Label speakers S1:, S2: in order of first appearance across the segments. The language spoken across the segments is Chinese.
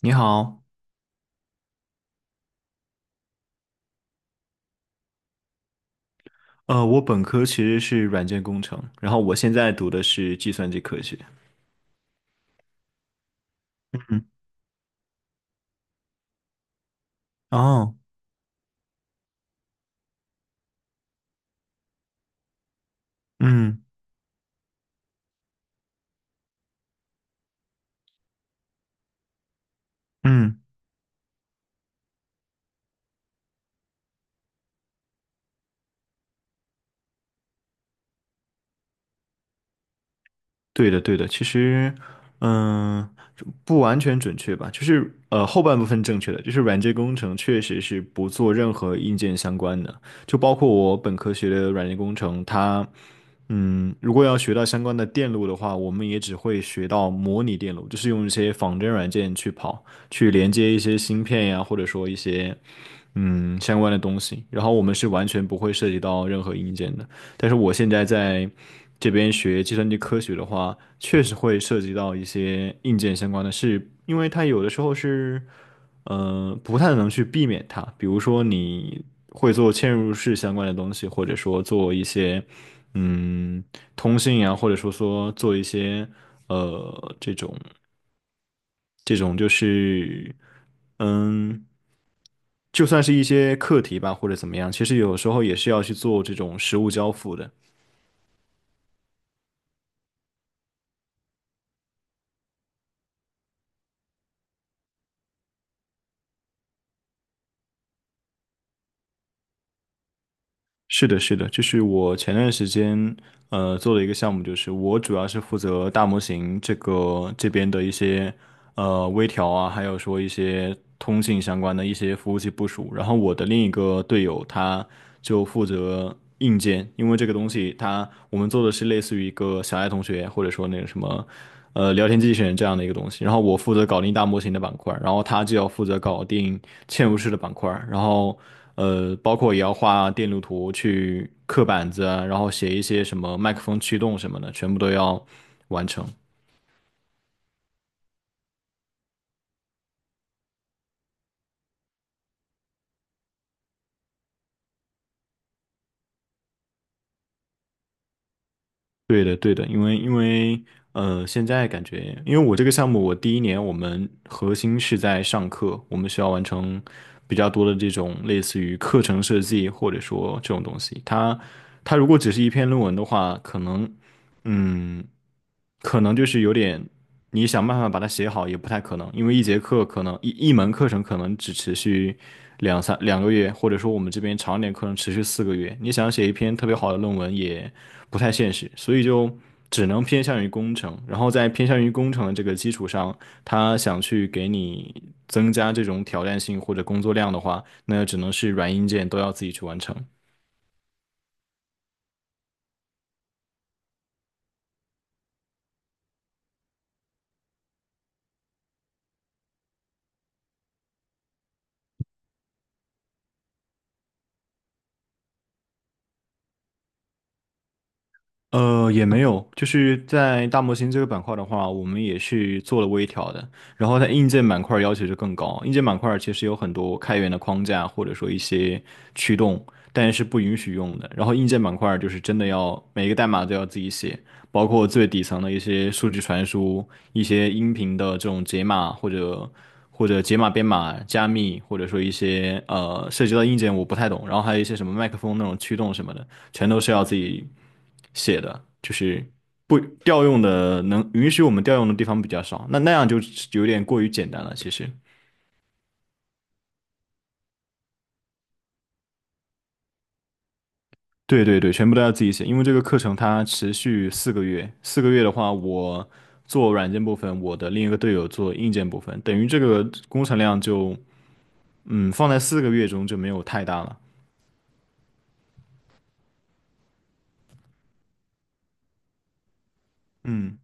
S1: 你好，我本科其实是软件工程，然后我现在读的是计算机科学。嗯。哦。嗯嗯。对的，对的，其实，嗯，不完全准确吧，就是后半部分正确的，就是软件工程确实是不做任何硬件相关的，就包括我本科学的软件工程，如果要学到相关的电路的话，我们也只会学到模拟电路，就是用一些仿真软件去跑，去连接一些芯片呀，或者说一些相关的东西，然后我们是完全不会涉及到任何硬件的。但是我现在在这边学计算机科学的话，确实会涉及到一些硬件相关的事，因为它有的时候是不太能去避免它。比如说，你会做嵌入式相关的东西，或者说做一些嗯通信啊，或者说做一些呃这种这种就是嗯，就算是一些课题吧，或者怎么样，其实有时候也是要去做这种实物交付的。是的，是的，就是我前段时间做的一个项目，就是我主要是负责大模型这个这边的一些微调啊，还有说一些通信相关的一些服务器部署。然后我的另一个队友他就负责硬件，因为这个东西我们做的是类似于一个小爱同学或者说那个什么聊天机器人这样的一个东西。然后我负责搞定大模型的板块，然后他就要负责搞定嵌入式的板块，然后。包括也要画电路图去刻板子啊，然后写一些什么麦克风驱动什么的，全部都要完成。对的，对的，因为现在感觉，因为我这个项目，我第一年我们核心是在上课，我们需要完成比较多的这种类似于课程设计或者说这种东西。它如果只是一篇论文的话，嗯，可能就是有点你想办法把它写好也不太可能，因为一节课可能一门课程可能只持续两个月，或者说我们这边长一点课程持续四个月，你想写一篇特别好的论文也不太现实，所以就只能偏向于工程。然后在偏向于工程的这个基础上，他想去给你增加这种挑战性或者工作量的话，那只能是软硬件都要自己去完成。也没有，就是在大模型这个板块的话，我们也是做了微调的。然后在硬件板块要求就更高，硬件板块其实有很多开源的框架或者说一些驱动，但是不允许用的。然后硬件板块就是真的要每个代码都要自己写。包括最底层的一些数据传输、一些音频的这种解码或者解码编码、加密，或者说一些涉及到硬件我不太懂，然后还有一些什么麦克风那种驱动什么的，全都是要自己写的，就是不调用的能允许我们调用的地方比较少，那样就有点过于简单了，其实。对对对，全部都要自己写，因为这个课程它持续四个月，四个月的话，我做软件部分，我的另一个队友做硬件部分，等于这个工程量就，放在四个月中就没有太大了。嗯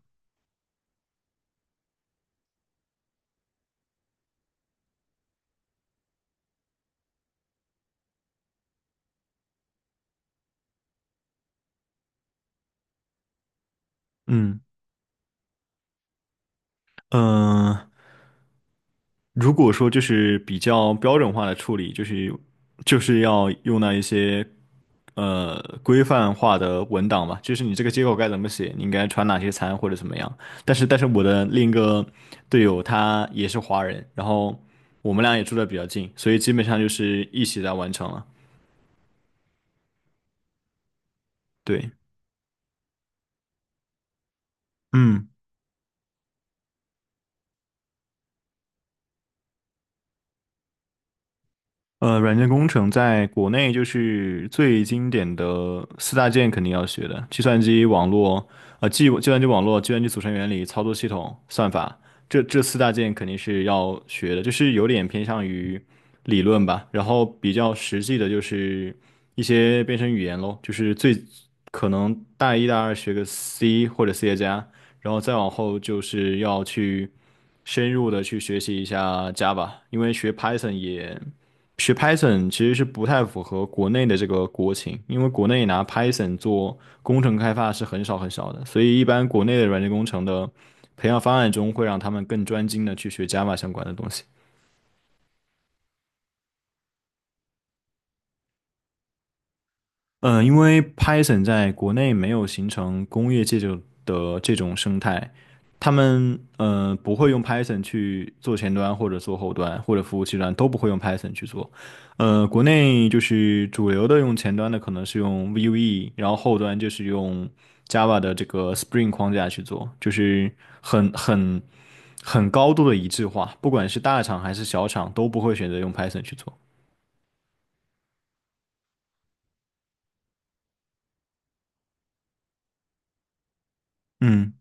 S1: 嗯，嗯，如果说就是比较标准化的处理，就是要用到一些规范化的文档吧，就是你这个接口该怎么写，你应该传哪些参或者怎么样。但是我的另一个队友他也是华人，然后我们俩也住的比较近，所以基本上就是一起来完成了。对，嗯。软件工程在国内就是最经典的四大件肯定要学的，计算机网络，计算机网络、计算机组成原理、操作系统、算法，这四大件肯定是要学的，就是有点偏向于理论吧，然后比较实际的就是一些编程语言咯，就是最可能大一、大二学个 C 或者 C 加加，然后再往后就是要去深入的去学习一下 Java,因为学 Python 也。学 Python 其实是不太符合国内的这个国情，因为国内拿 Python 做工程开发是很少很少的，所以一般国内的软件工程的培养方案中会让他们更专精的去学 Java 相关的东西。嗯，因为 Python 在国内没有形成工业界就的这种生态，他们不会用 Python 去做前端或者做后端或者服务器端都不会用 Python 去做。国内就是主流的用前端的可能是用 Vue,然后后端就是用 Java 的这个 Spring 框架去做，就是很很很高度的一致化，不管是大厂还是小厂都不会选择用 Python 去做。嗯。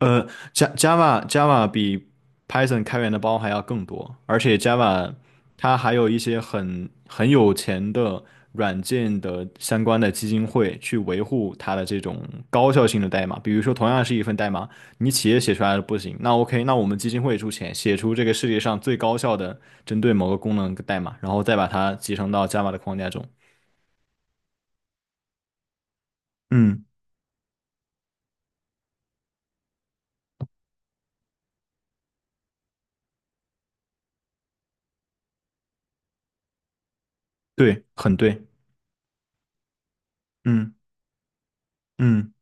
S1: 呃Ja-，Java Java 比 Python 开源的包还要更多，而且 Java 它还有一些很有钱的软件的相关的基金会去维护它的这种高效性的代码。比如说，同样是一份代码，你企业写出来的不行，那 OK,那我们基金会出钱写出这个世界上最高效的针对某个功能的代码，然后再把它集成到 Java 的框架中。嗯，对，很对。嗯嗯。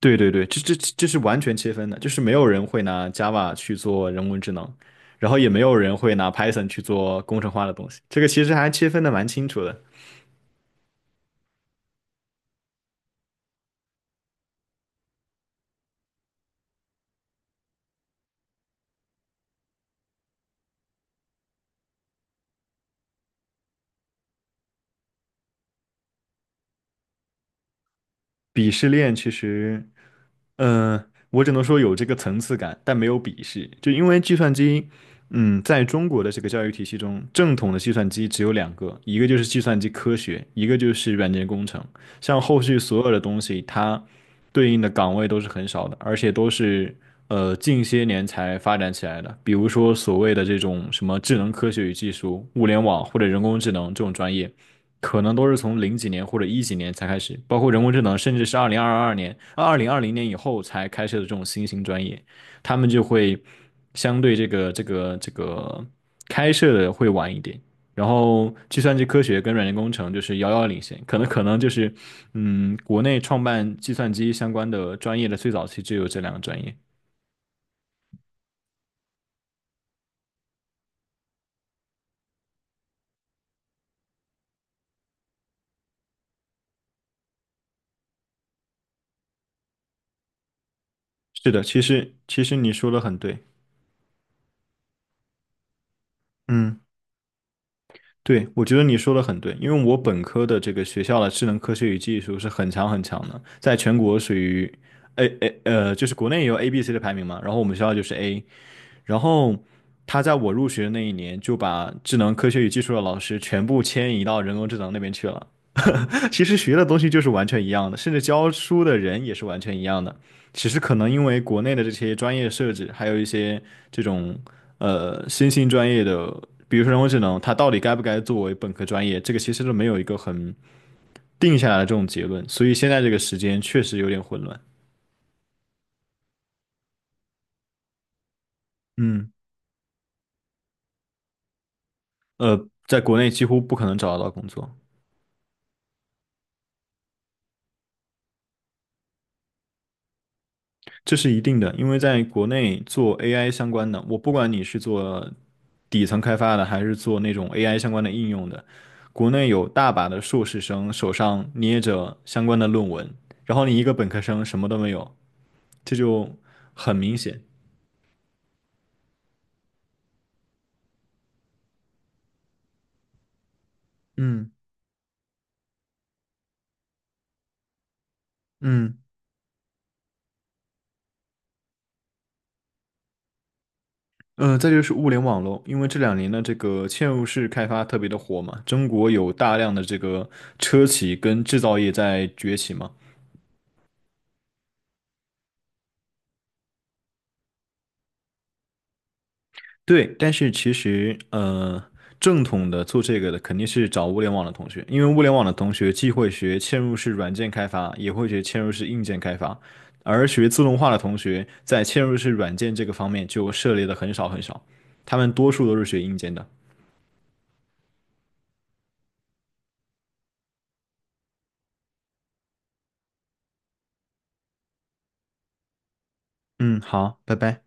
S1: 对对对，这是完全切分的，就是没有人会拿 Java 去做人工智能，然后也没有人会拿 Python 去做工程化的东西。这个其实还切分的蛮清楚的。鄙视链其实。嗯，我只能说有这个层次感，但没有鄙视。就因为计算机，在中国的这个教育体系中，正统的计算机只有两个，一个就是计算机科学，一个就是软件工程。像后续所有的东西，它对应的岗位都是很少的，而且都是近些年才发展起来的。比如说所谓的这种什么智能科学与技术、物联网或者人工智能这种专业。可能都是从零几年或者一几年才开始，包括人工智能，甚至是2022年、2020年以后才开设的这种新型专业，他们就会相对这个开设的会晚一点。然后，计算机科学跟软件工程就是遥遥领先，可能就是，国内创办计算机相关的专业的最早期只有这两个专业。是的，其实你说的很对，嗯。对，我觉得你说的很对，因为我本科的这个学校的智能科学与技术是很强很强的，在全国属于 A。就是国内也有 A、B、C 的排名嘛，然后我们学校就是 A,然后他在我入学的那一年就把智能科学与技术的老师全部迁移到人工智能那边去了，其实学的东西就是完全一样的，甚至教书的人也是完全一样的。只是可能因为国内的这些专业设置，还有一些这种新兴专业的，比如说人工智能，它到底该不该作为本科专业，这个其实都没有一个很定下来的这种结论。所以现在这个时间确实有点混乱。嗯，在国内几乎不可能找得到工作，这是一定的，因为在国内做 AI 相关的，我不管你是做底层开发的，还是做那种 AI 相关的应用的。国内有大把的硕士生手上捏着相关的论文，然后你一个本科生什么都没有，这就很明显。嗯嗯，再就是物联网喽，因为这两年的这个嵌入式开发特别的火嘛，中国有大量的这个车企跟制造业在崛起嘛，对，但是其实，正统的做这个的肯定是找物联网的同学，因为物联网的同学既会学嵌入式软件开发，也会学嵌入式硬件开发，而学自动化的同学在嵌入式软件这个方面就涉猎的很少很少，他们多数都是学硬件的。嗯，好，拜拜。